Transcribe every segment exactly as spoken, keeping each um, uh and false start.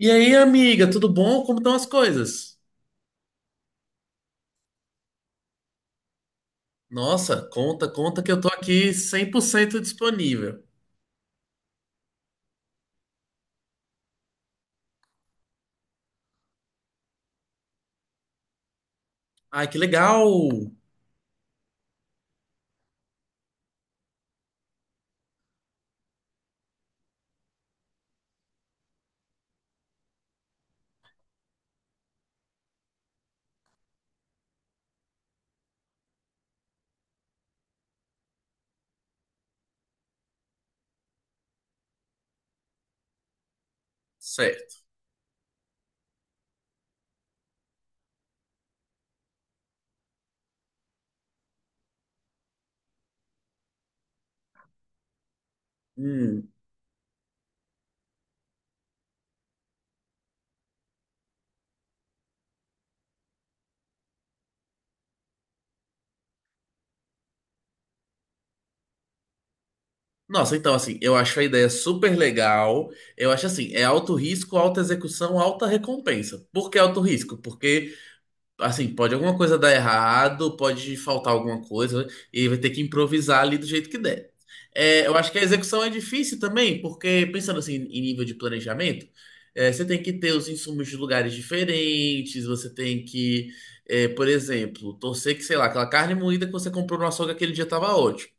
E aí, amiga, tudo bom? Como estão as coisas? Nossa, conta, conta que eu tô aqui cem por cento disponível. Ai, que legal! Certo. Hum. Nossa, então, assim, eu acho a ideia super legal. Eu acho assim, é alto risco, alta execução, alta recompensa. Por que alto risco? Porque assim, pode alguma coisa dar errado, pode faltar alguma coisa, e ele vai ter que improvisar ali do jeito que der. É, eu acho que a execução é difícil também, porque pensando assim em nível de planejamento, é, você tem que ter os insumos de lugares diferentes, você tem que, é, por exemplo, torcer que, sei lá, aquela carne moída que você comprou no açougue aquele dia estava ótimo.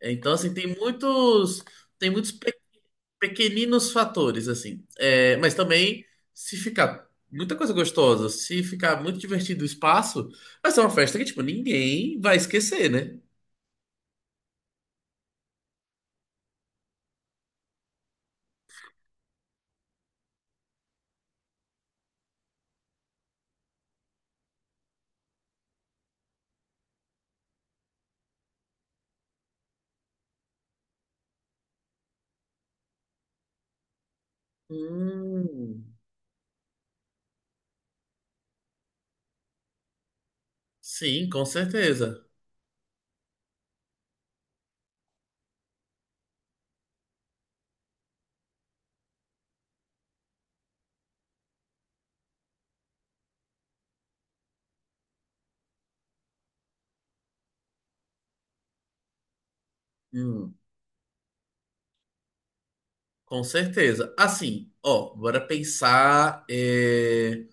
É, Então, assim, tem muitos, tem muitos pequeninos fatores, assim. É, mas também, se ficar muita coisa gostosa, se ficar muito divertido o espaço, vai ser uma festa que, tipo, ninguém vai esquecer, né? Hum, sim, com certeza. Hum, com certeza. Assim, ó, bora pensar. é,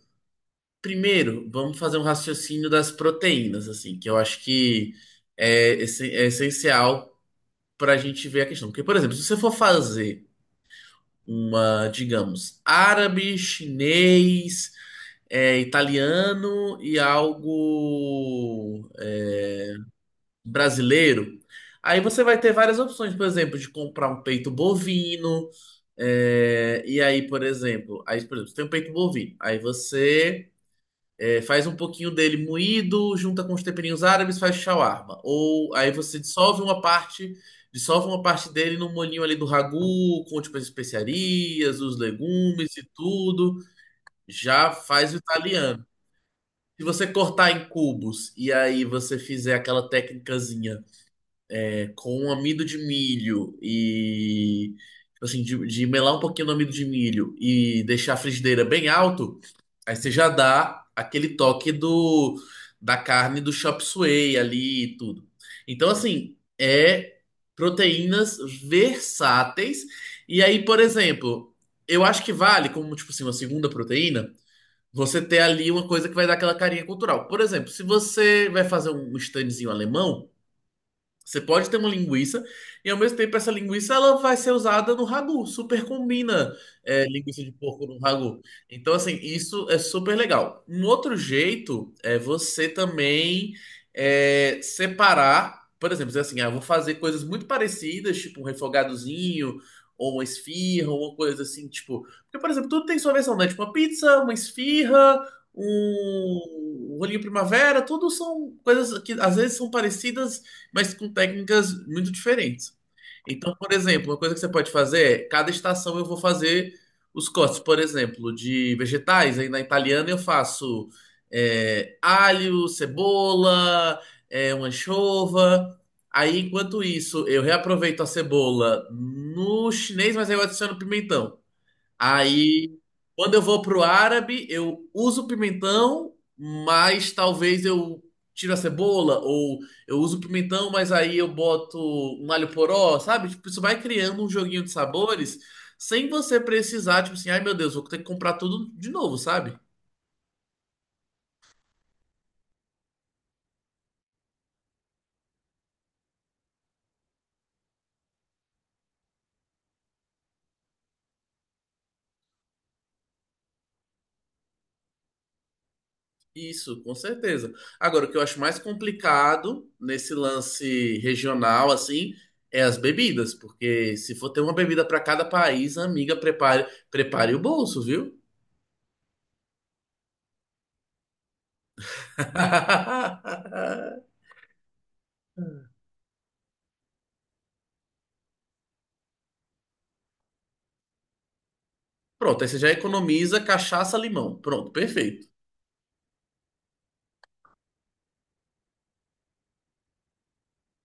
Primeiro, vamos fazer um raciocínio das proteínas, assim, que eu acho que é, essen- é essencial para a gente ver a questão. Porque, por exemplo, se você for fazer uma, digamos, árabe, chinês, é, italiano e algo é, brasileiro. Aí você vai ter várias opções, por exemplo, de comprar um peito bovino. É, e aí, por exemplo, aí, por exemplo, você tem um peito bovino. Aí você é, faz um pouquinho dele moído, junta com os temperinhos árabes, faz shawarma. Ou aí você dissolve uma parte, Dissolve uma parte dele no molhinho ali do ragu, com tipo as especiarias, os legumes e tudo, já faz o italiano. Se você cortar em cubos e aí você fizer aquela técnicazinha é, com amido de milho e tipo assim, de, de melar um pouquinho no amido de milho e deixar a frigideira bem alto, aí você já dá aquele toque do da carne do chop suey ali e tudo. Então, assim, é proteínas versáteis. E aí, por exemplo, eu acho que vale, como tipo assim, uma segunda proteína, você ter ali uma coisa que vai dar aquela carinha cultural. Por exemplo, se você vai fazer um standzinho alemão. Você pode ter uma linguiça e ao mesmo tempo essa linguiça ela vai ser usada no ragu. Super combina, é, linguiça de porco no ragu. Então assim isso é super legal. Um outro jeito é você também é, separar, por exemplo, dizer assim, ah, eu vou fazer coisas muito parecidas, tipo um refogadozinho ou uma esfirra, ou uma coisa assim, tipo, porque por exemplo tudo tem sua versão, né? Tipo uma pizza, uma esfirra, um, um rolinho primavera, tudo são coisas que às vezes são parecidas mas com técnicas muito diferentes. Então, por exemplo, uma coisa que você pode fazer é, cada estação eu vou fazer os cortes, por exemplo, de vegetais. Aí na italiana eu faço é, alho, cebola, é, uma anchova. Aí, enquanto isso, eu reaproveito a cebola no chinês, mas aí eu adiciono pimentão. Aí, quando eu vou pro árabe, eu uso pimentão, mas talvez eu tiro a cebola, ou eu uso pimentão, mas aí eu boto um alho poró, sabe? Tipo, isso vai criando um joguinho de sabores sem você precisar, tipo assim, ai meu Deus, vou ter que comprar tudo de novo, sabe? Isso, com certeza. Agora, o que eu acho mais complicado nesse lance regional, assim, é as bebidas, porque se for ter uma bebida para cada país, amiga, prepare, prepare o bolso, viu? Pronto, aí você já economiza cachaça, limão. Pronto, perfeito.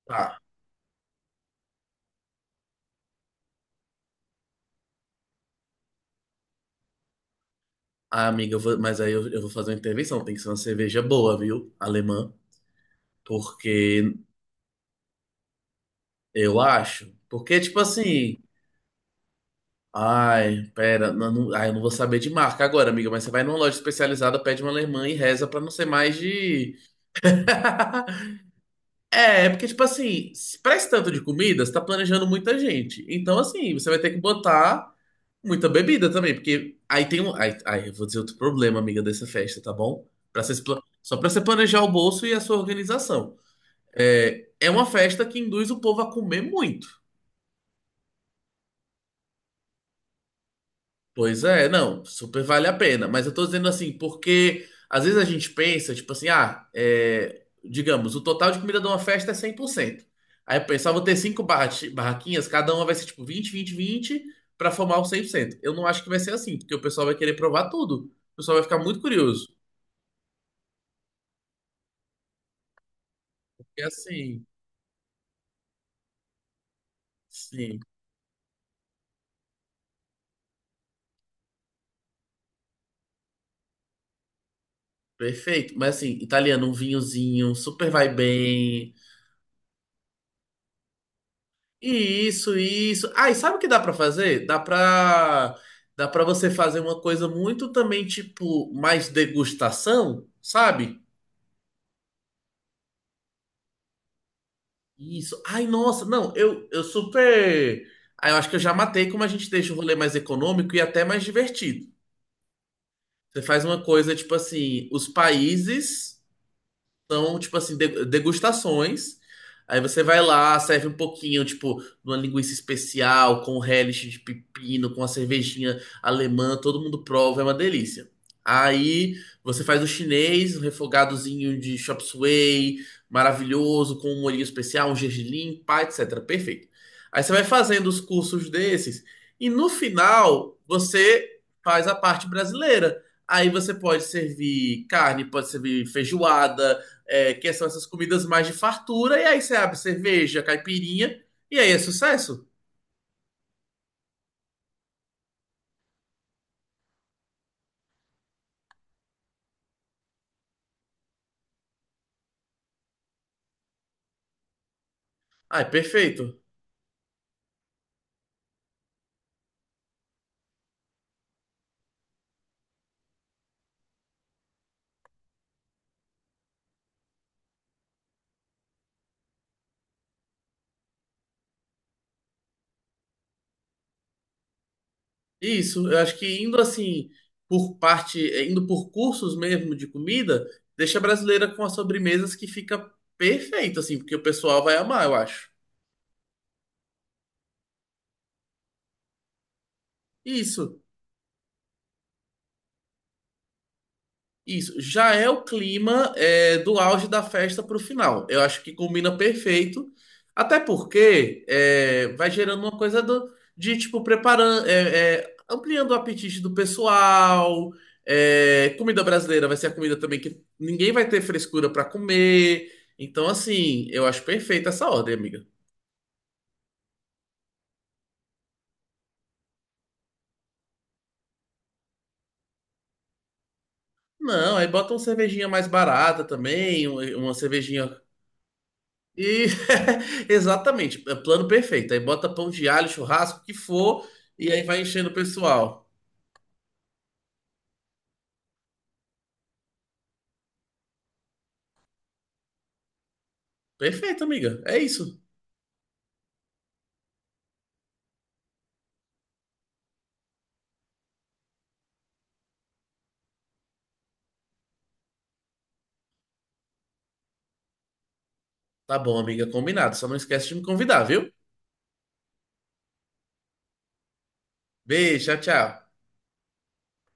Tá. Ah, amiga, eu vou- mas aí eu, eu vou fazer uma intervenção. Tem que ser uma cerveja boa, viu? Alemã. Porque eu acho. Porque, tipo assim. Ai, pera. Não, não- ai, eu não vou saber de marca agora, amiga. Mas você vai numa loja especializada, pede uma alemã e reza pra não ser mais de. É, porque, tipo assim, pra esse tanto de comida, você tá planejando muita gente. Então, assim, você vai ter que botar. Muita bebida também, porque aí tem um. Aí, aí eu vou dizer outro problema, amiga, dessa festa, tá bom? Pra você, se pla- só pra você planejar o bolso e a sua organização. É, é uma festa que induz o povo a comer muito. Pois é, não, super vale a pena. Mas eu tô dizendo assim, porque às vezes a gente pensa, tipo assim, ah, é, digamos, o total de comida de uma festa é cem por cento. Aí eu penso, ah, vou ter cinco barra- barraquinhas, cada uma vai ser tipo vinte vinte vinte pra formar o cem por cento. Eu não acho que vai ser assim, porque o pessoal vai querer provar tudo. O pessoal vai ficar muito curioso. E assim, sim, perfeito. Mas assim, italiano, um vinhozinho, super vai bem. E isso, isso. Ah, e sabe o que dá pra fazer? Dá pra, dá pra você fazer uma coisa muito também, tipo, mais degustação, sabe? Isso. Ai, nossa, não, eu, eu super. Ah, eu acho que eu já matei como a gente deixa o rolê mais econômico e até mais divertido. Você faz uma coisa, tipo assim, os países são, tipo assim, de- degustações. Aí você vai lá, serve um pouquinho, tipo, de uma linguiça especial, com relish de pepino, com a cervejinha alemã, todo mundo prova, é uma delícia. Aí você faz o chinês, um refogadozinho de chop suey, maravilhoso, com um molhinho especial, um gergelim, pá, etcétera. Perfeito. Aí você vai fazendo os cursos desses, e no final você faz a parte brasileira. Aí você pode servir carne, pode servir feijoada, é, que são essas comidas mais de fartura, e aí você abre cerveja, caipirinha, e aí é sucesso. Ah, é perfeito. Isso, eu acho que indo assim, por parte, é, indo por cursos mesmo de comida, deixa a brasileira com as sobremesas que fica perfeito, assim, porque o pessoal vai amar, eu acho. Isso. Isso, já é o clima é, do auge da festa para o final. Eu acho que combina perfeito, até porque é, vai gerando uma coisa do- de tipo preparando, é, é, ampliando o apetite do pessoal. É, comida brasileira vai ser a comida também que ninguém vai ter frescura para comer. Então, assim, eu acho perfeita essa ordem, amiga. Não, aí bota uma cervejinha mais barata também, um- uma cervejinha. E exatamente, é plano perfeito. Aí bota pão de alho, churrasco, o que for, e aí vai enchendo o pessoal. Perfeito, amiga. É isso. Tá bom, amiga, combinado. Só não esquece de me convidar, viu? Beijo, tchau, tchau.